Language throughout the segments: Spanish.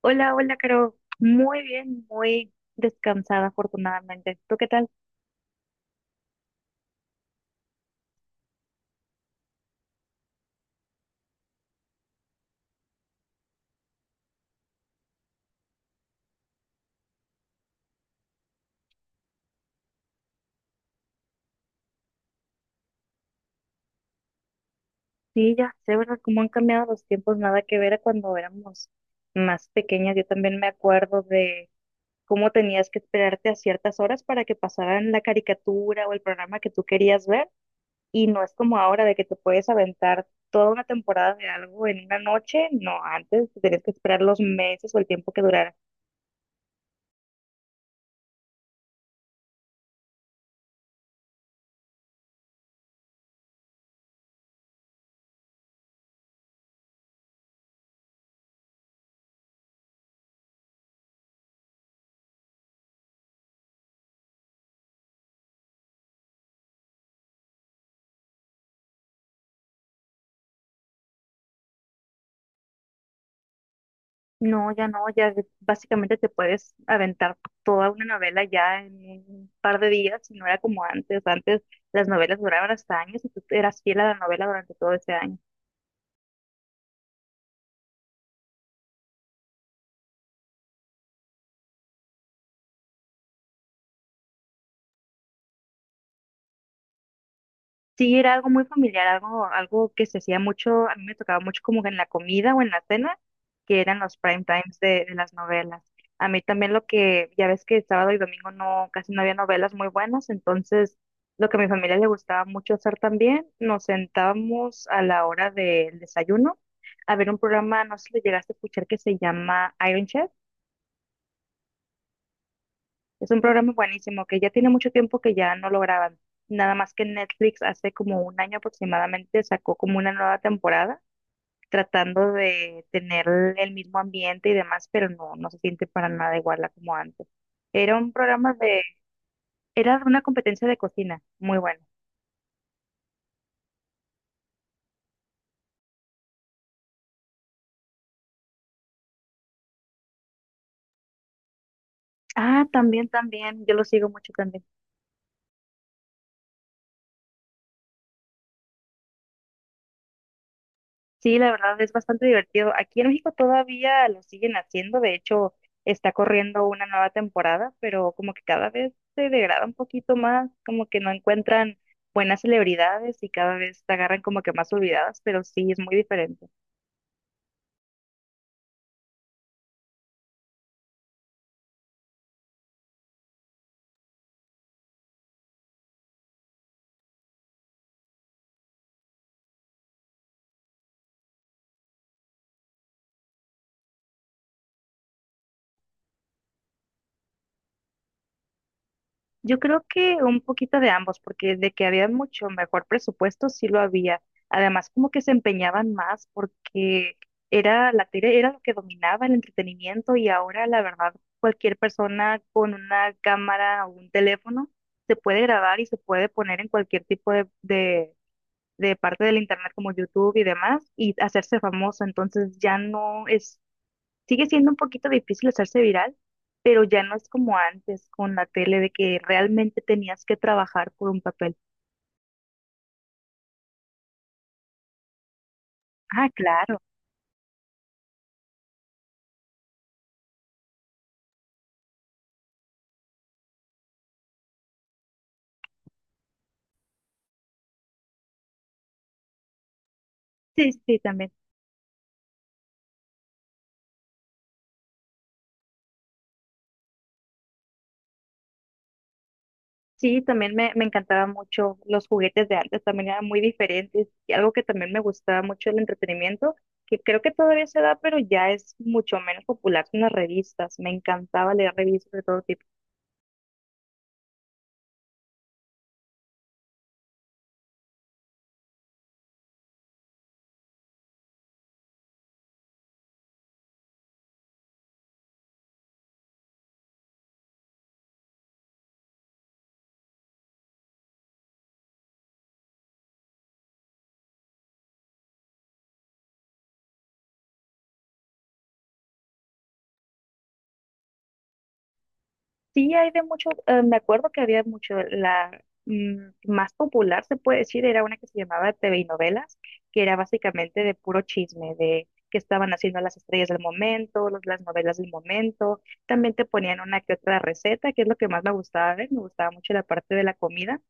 Hola, hola, Caro. Muy bien, muy descansada, afortunadamente. ¿Tú qué tal? Sí, ya sé, ¿verdad? Cómo han cambiado los tiempos, nada que ver a cuando éramos más pequeñas. Yo también me acuerdo de cómo tenías que esperarte a ciertas horas para que pasaran la caricatura o el programa que tú querías ver. Y no es como ahora de que te puedes aventar toda una temporada de algo en una noche. No, antes te tenías que esperar los meses o el tiempo que durara. No, ya no, básicamente te puedes aventar toda una novela ya en un par de días, y no era como antes. Antes las novelas duraban hasta años y tú eras fiel a la novela durante todo ese año. Sí, era algo muy familiar, algo que se hacía mucho, a mí me tocaba mucho como en la comida o en la cena, que eran los prime times de las novelas. A mí también lo que, ya ves que sábado y domingo no, casi no había novelas muy buenas, entonces lo que a mi familia le gustaba mucho hacer también, nos sentábamos a la hora del desayuno a ver un programa, no sé si lo llegaste a escuchar, que se llama Iron Chef. Es un programa buenísimo que ya tiene mucho tiempo que ya no lo graban. Nada más que Netflix hace como un año aproximadamente sacó como una nueva temporada tratando de tener el mismo ambiente y demás, pero no, no se siente para nada igual a como antes. Era un programa de, era una competencia de cocina, muy bueno. Ah, también, también, yo lo sigo mucho también. Sí, la verdad es bastante divertido. Aquí en México todavía lo siguen haciendo, de hecho está corriendo una nueva temporada, pero como que cada vez se degrada un poquito más, como que no encuentran buenas celebridades y cada vez se agarran como que más olvidadas, pero sí es muy diferente. Yo creo que un poquito de ambos, porque de que había mucho mejor presupuesto, sí lo había. Además, como que se empeñaban más porque era la tele, era lo que dominaba el entretenimiento y ahora, la verdad, cualquier persona con una cámara o un teléfono se puede grabar y se puede poner en cualquier tipo de parte del internet como YouTube y demás y hacerse famoso. Entonces ya no es. Sigue siendo un poquito difícil hacerse viral, pero ya no es como antes con la tele de que realmente tenías que trabajar por un papel. Ah, claro. Sí, sí, también. Sí, también me encantaban mucho los juguetes de antes, también eran muy diferentes. Y algo que también me gustaba mucho el entretenimiento, que creo que todavía se da, pero ya es mucho menos popular son las revistas. Me encantaba leer revistas de todo tipo. Sí, hay de mucho me acuerdo que había mucho, mm, más popular se puede decir, era una que se llamaba TV y Novelas, que era básicamente de puro chisme, de qué estaban haciendo las estrellas del momento, las novelas del momento, también te ponían una que otra receta, que es lo que más me gustaba ver, me gustaba mucho la parte de la comida,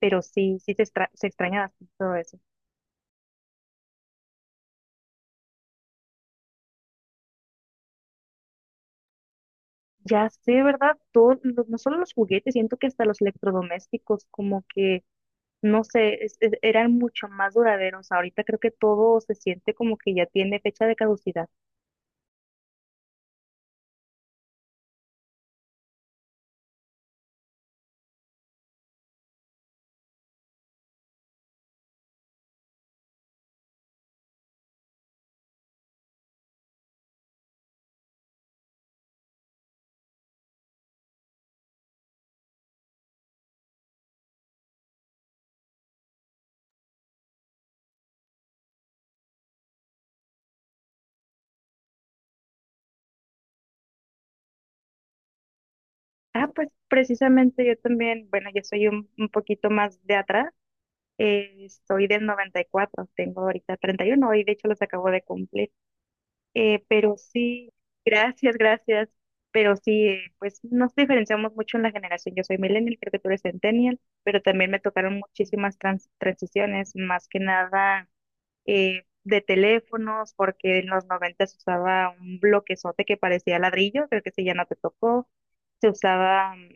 pero sí, se extraña bastante todo eso. Ya sé, ¿verdad? Todo, no solo los juguetes, siento que hasta los electrodomésticos, como que no sé, eran mucho más duraderos. Ahorita creo que todo se siente como que ya tiene fecha de caducidad. Ah, pues precisamente yo también, bueno, yo soy un poquito más de atrás, soy del 94, tengo ahorita 31 y uno, hoy de hecho los acabo de cumplir. Eh, pero sí, gracias, gracias. Pero sí, pues nos diferenciamos mucho en la generación. Yo soy millennial, creo que tú eres centennial, pero también me tocaron muchísimas transiciones, más que nada de teléfonos, porque en los 90 se usaba un bloquezote que parecía ladrillo, creo que ese ya no te tocó. Se usaba, mm,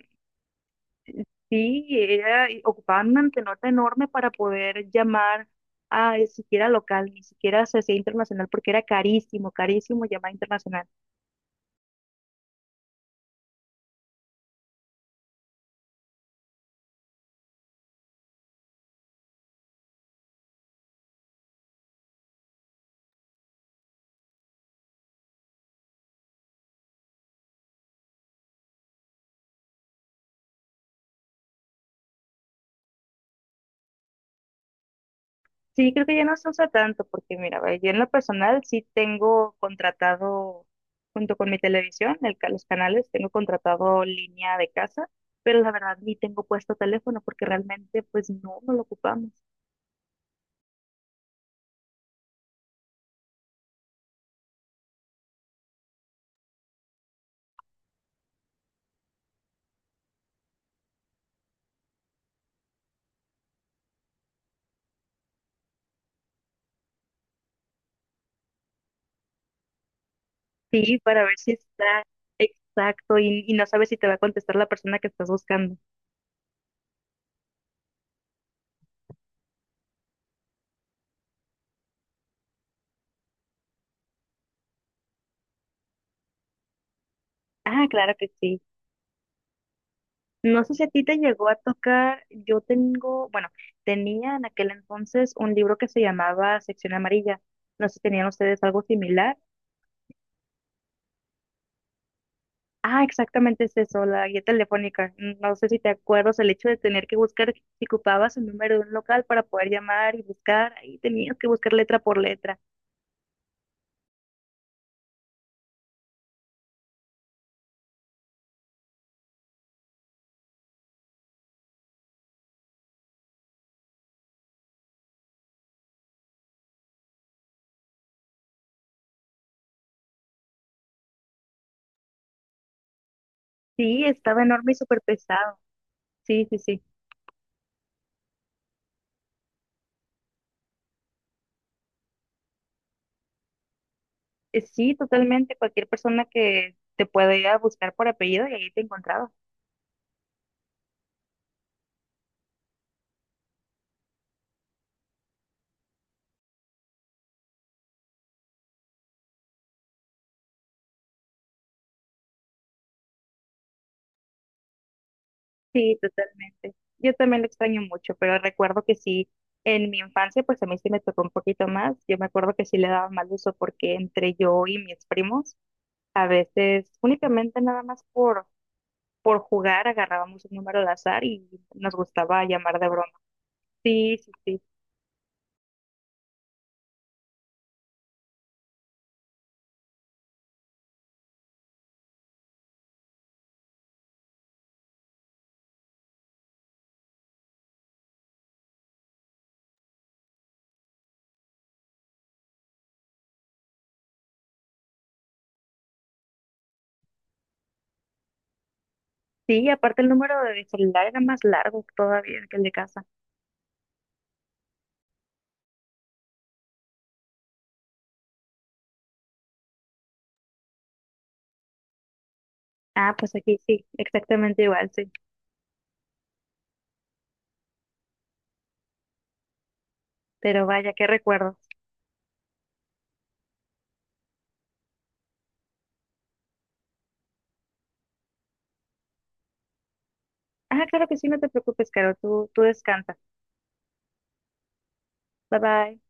sí, era, y ocupaban una antenota enorme para poder llamar a siquiera local, ni siquiera se hacía internacional, porque era carísimo, carísimo llamar internacional. Sí, creo que ya no se usa tanto porque, mira, ve, yo en lo personal sí tengo contratado, junto con mi televisión, el, los canales, tengo contratado línea de casa, pero la verdad ni tengo puesto teléfono porque realmente pues no, no lo ocupamos. Sí, para ver si está exacto y no sabes si te va a contestar la persona que estás buscando. Ah, claro que sí. No sé si a ti te llegó a tocar, yo tengo, bueno, tenía en aquel entonces un libro que se llamaba Sección Amarilla. No sé si tenían ustedes algo similar. Ah, exactamente es eso, la guía telefónica. No sé si te acuerdas el hecho de tener que buscar, si ocupabas el número de un local para poder llamar y buscar, ahí tenías que buscar letra por letra. Sí, estaba enorme y súper pesado. Sí, sí, sí. Sí, totalmente. Cualquier persona que te pueda ir a buscar por apellido y ahí te encontraba. Sí, totalmente. Yo también lo extraño mucho, pero recuerdo que sí, en mi infancia, pues a mí sí me tocó un poquito más. Yo me acuerdo que sí le daba mal uso porque entre yo y mis primos a veces únicamente nada más por jugar agarrábamos un número al azar y nos gustaba llamar de broma. Sí, sí, sí. Sí, aparte el número de celular era más largo todavía que el de casa. Ah, pues aquí sí, exactamente igual, sí. Pero vaya, qué recuerdos. Ah, claro que sí, no te preocupes, Caro, tú descansa. Bye bye.